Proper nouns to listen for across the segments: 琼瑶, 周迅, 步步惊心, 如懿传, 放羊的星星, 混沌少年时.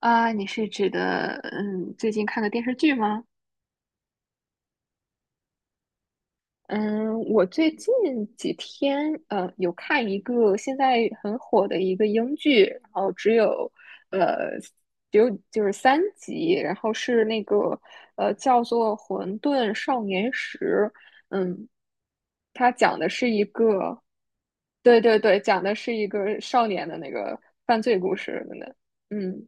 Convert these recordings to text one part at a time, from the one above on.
啊，你是指的最近看的电视剧吗？嗯，我最近几天有看一个现在很火的一个英剧，然后呃只有就是3集，然后是那个叫做《混沌少年时》。嗯，它讲的是一个，对对对，讲的是一个少年的那个犯罪故事的。嗯，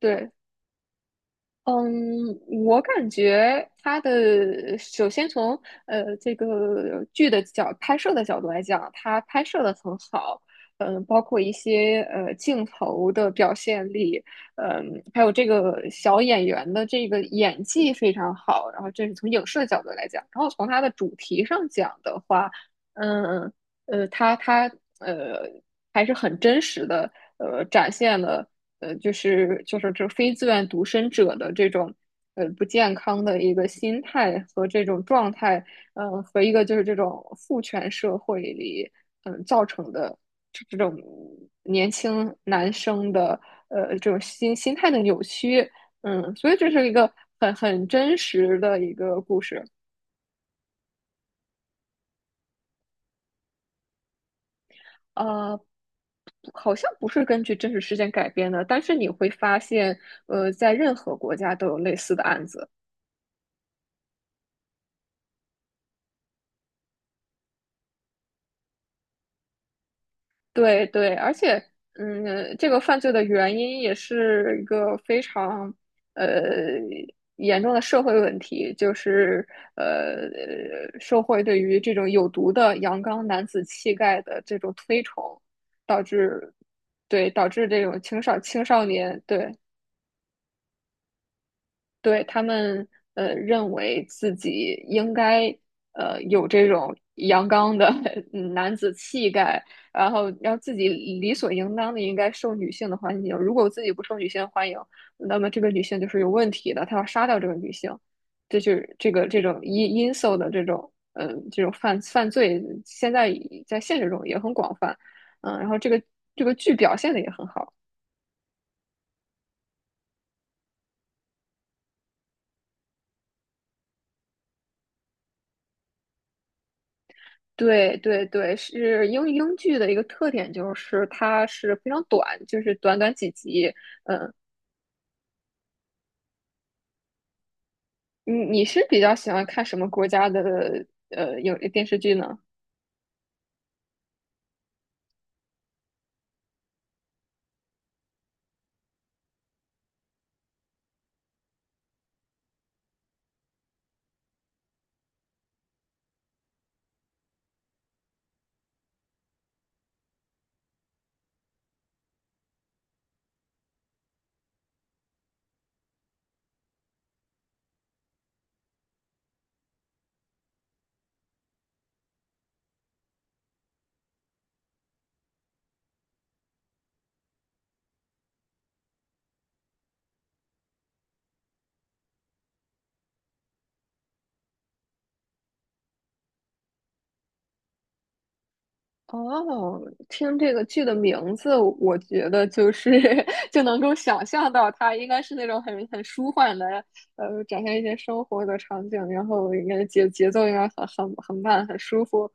对。嗯，我感觉他的首先从这个剧的角拍摄的角度来讲，他拍摄的很好。包括一些镜头的表现力。还有这个小演员的这个演技非常好，然后这是从影视的角度来讲。然后从它的主题上讲的话，嗯它呃还是很真实的展现了。就是这非自愿独身者的这种不健康的一个心态和这种状态。和一个就是这种父权社会里造成的这种年轻男生的这种心态的扭曲。所以这是一个很真实的一个故事。啊，好像不是根据真实事件改编的，但是你会发现，在任何国家都有类似的案子。对对，而且，这个犯罪的原因也是一个非常呃严重的社会问题。就是呃，社会对于这种有毒的阳刚男子气概的这种推崇，导致对，导致这种青少年，对，对，他们认为自己应该有这种阳刚的 男子气概。然后让自己理所应当的应该受女性的欢迎。如果自己不受女性欢迎，那么这个女性就是有问题的，他要杀掉这个女性。这就是这个这种因素的这种这种犯罪，现在在现实中也很广泛。然后这个剧表现的也很好。对对对，是英剧的一个特点，就是它是非常短，就是短短几集。你是比较喜欢看什么国家的有电视剧呢？哦，听这个剧的名字，我觉得就是 就能够想象到它应该是那种很舒缓的。展现一些生活的场景，然后应该节奏应该很慢，很舒服。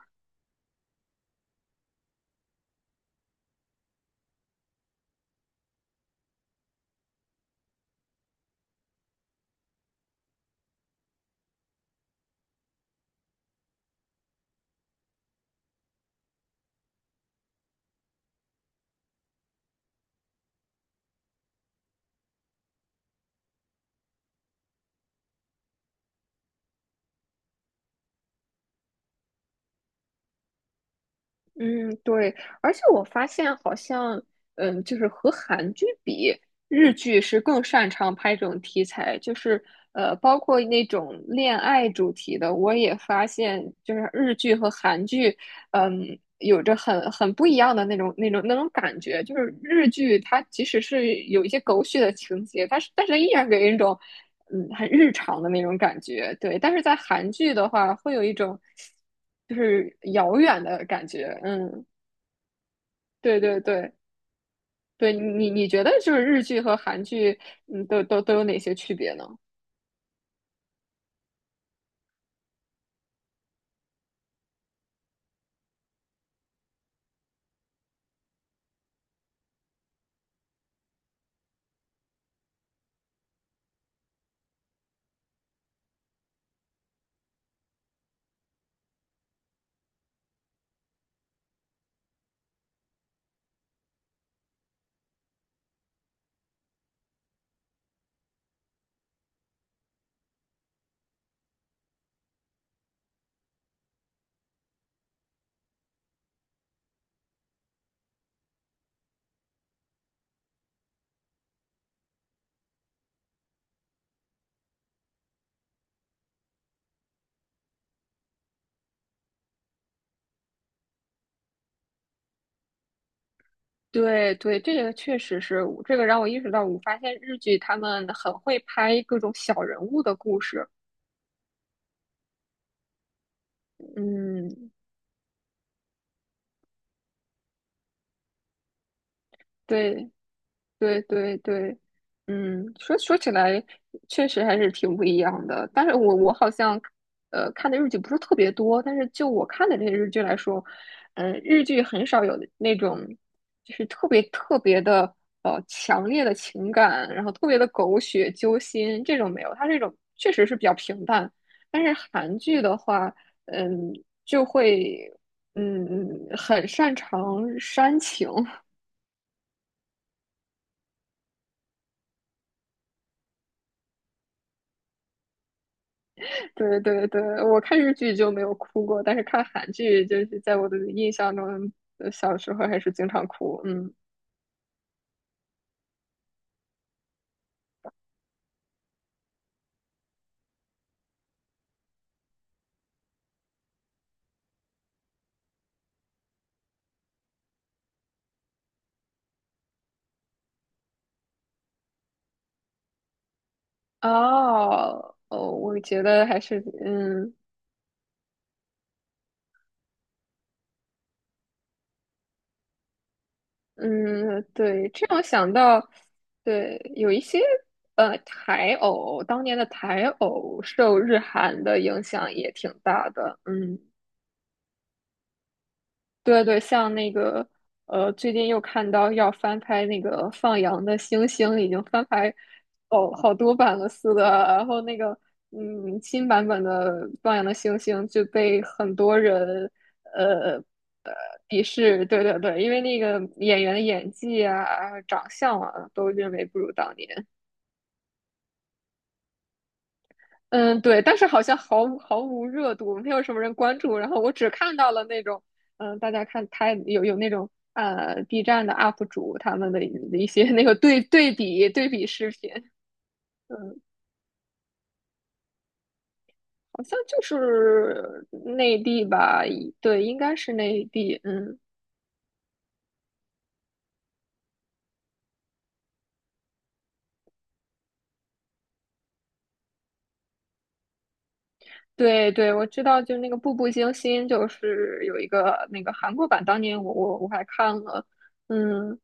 嗯，对，而且我发现好像，就是和韩剧比，日剧是更擅长拍这种题材，就是包括那种恋爱主题的，我也发现，就是日剧和韩剧。有着很不一样的那种感觉。就是日剧它即使是有一些狗血的情节，但是依然给人一种很日常的那种感觉，对。但是在韩剧的话，会有一种，就是遥远的感觉。嗯，对对对，你觉得就是日剧和韩剧，都有哪些区别呢？对对，这个确实是，这个让我意识到，我发现日剧他们很会拍各种小人物的故事。嗯，对，对对对。说起来确实还是挺不一样的。但是我好像看的日剧不是特别多，但是就我看的这些日剧来说，日剧很少有那种就是特别特别的强烈的情感，然后特别的狗血揪心这种没有，它这种确实是比较平淡。但是韩剧的话，嗯，就会嗯很擅长煽情。对对对，我看日剧就没有哭过，但是看韩剧就是在我的印象中，小时候还是经常哭。嗯。哦哦，我觉得还是嗯，对，这样想到。对，有一些台偶，当年的台偶受日韩的影响也挺大的。嗯，对对，像那个，最近又看到要翻拍那个放羊的星星，已经翻拍哦好多版了似的。然后那个新版本的放羊的星星就被很多人呃呃鄙视。对对对，因为那个演员的演技啊、长相啊，都认为不如当年。嗯，对，但是好像毫无热度，没有什么人关注。然后我只看到了那种，大家看他有那种B 站的 UP 主他们的一些那个对对比对比视频。嗯，好像就是内地吧。对，应该是内地。嗯，对对，我知道，就那个《步步惊心》，就是有一个那个韩国版，当年我还看了。嗯。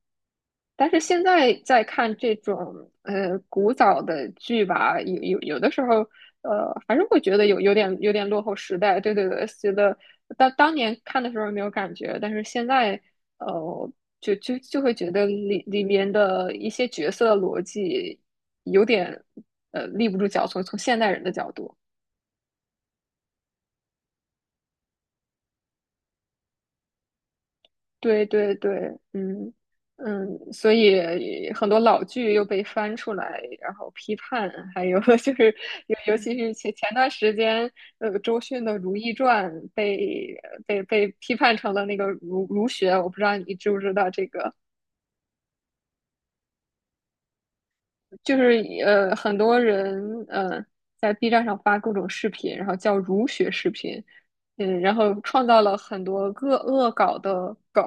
但是现在在看这种古早的剧吧，有的时候，还是会觉得有点落后时代。对对对，觉得当年看的时候没有感觉，但是现在，呃，就会觉得里面的一些角色逻辑有点立不住脚，从现代人的角度。对对对，所以很多老剧又被翻出来，然后批判，还有 就是尤其是前段时间。周迅的《如懿传》被批判成了那个儒学，我不知道你知不知道这个，就是，很多人在 B 站上发各种视频，然后叫儒学视频。然后创造了很多恶搞的梗。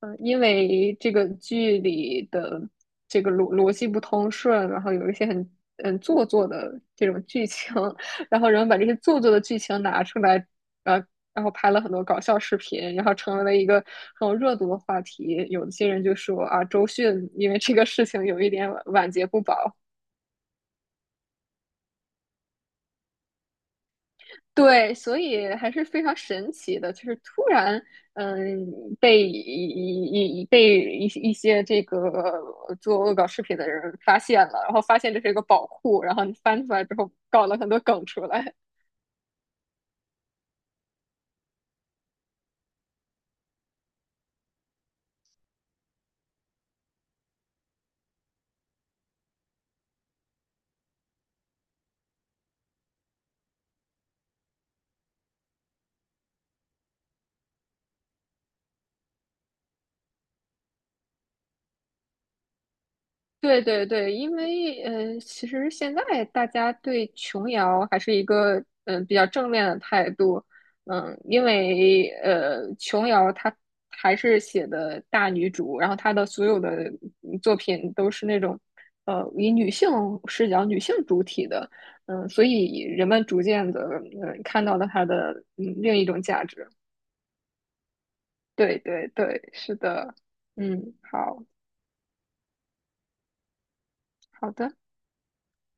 因为这个剧里的这个逻辑不通顺，然后有一些很做作的这种剧情，然后人们把这些做作的剧情拿出来。呃，然后拍了很多搞笑视频，然后成为了一个很有热度的话题。有些人就说啊，周迅因为这个事情有一点晚节不保。对，所以还是非常神奇的，就是突然，嗯，被一些这个做恶搞视频的人发现了，然后发现这是一个宝库，然后你翻出来之后搞了很多梗出来。对对对，因为，其实现在大家对琼瑶还是一个比较正面的态度。因为，琼瑶她还是写的大女主，然后她的所有的作品都是那种以女性视角、女性主体的。所以人们逐渐的看到了她的另一种价值。对对对，是的。嗯，好好的。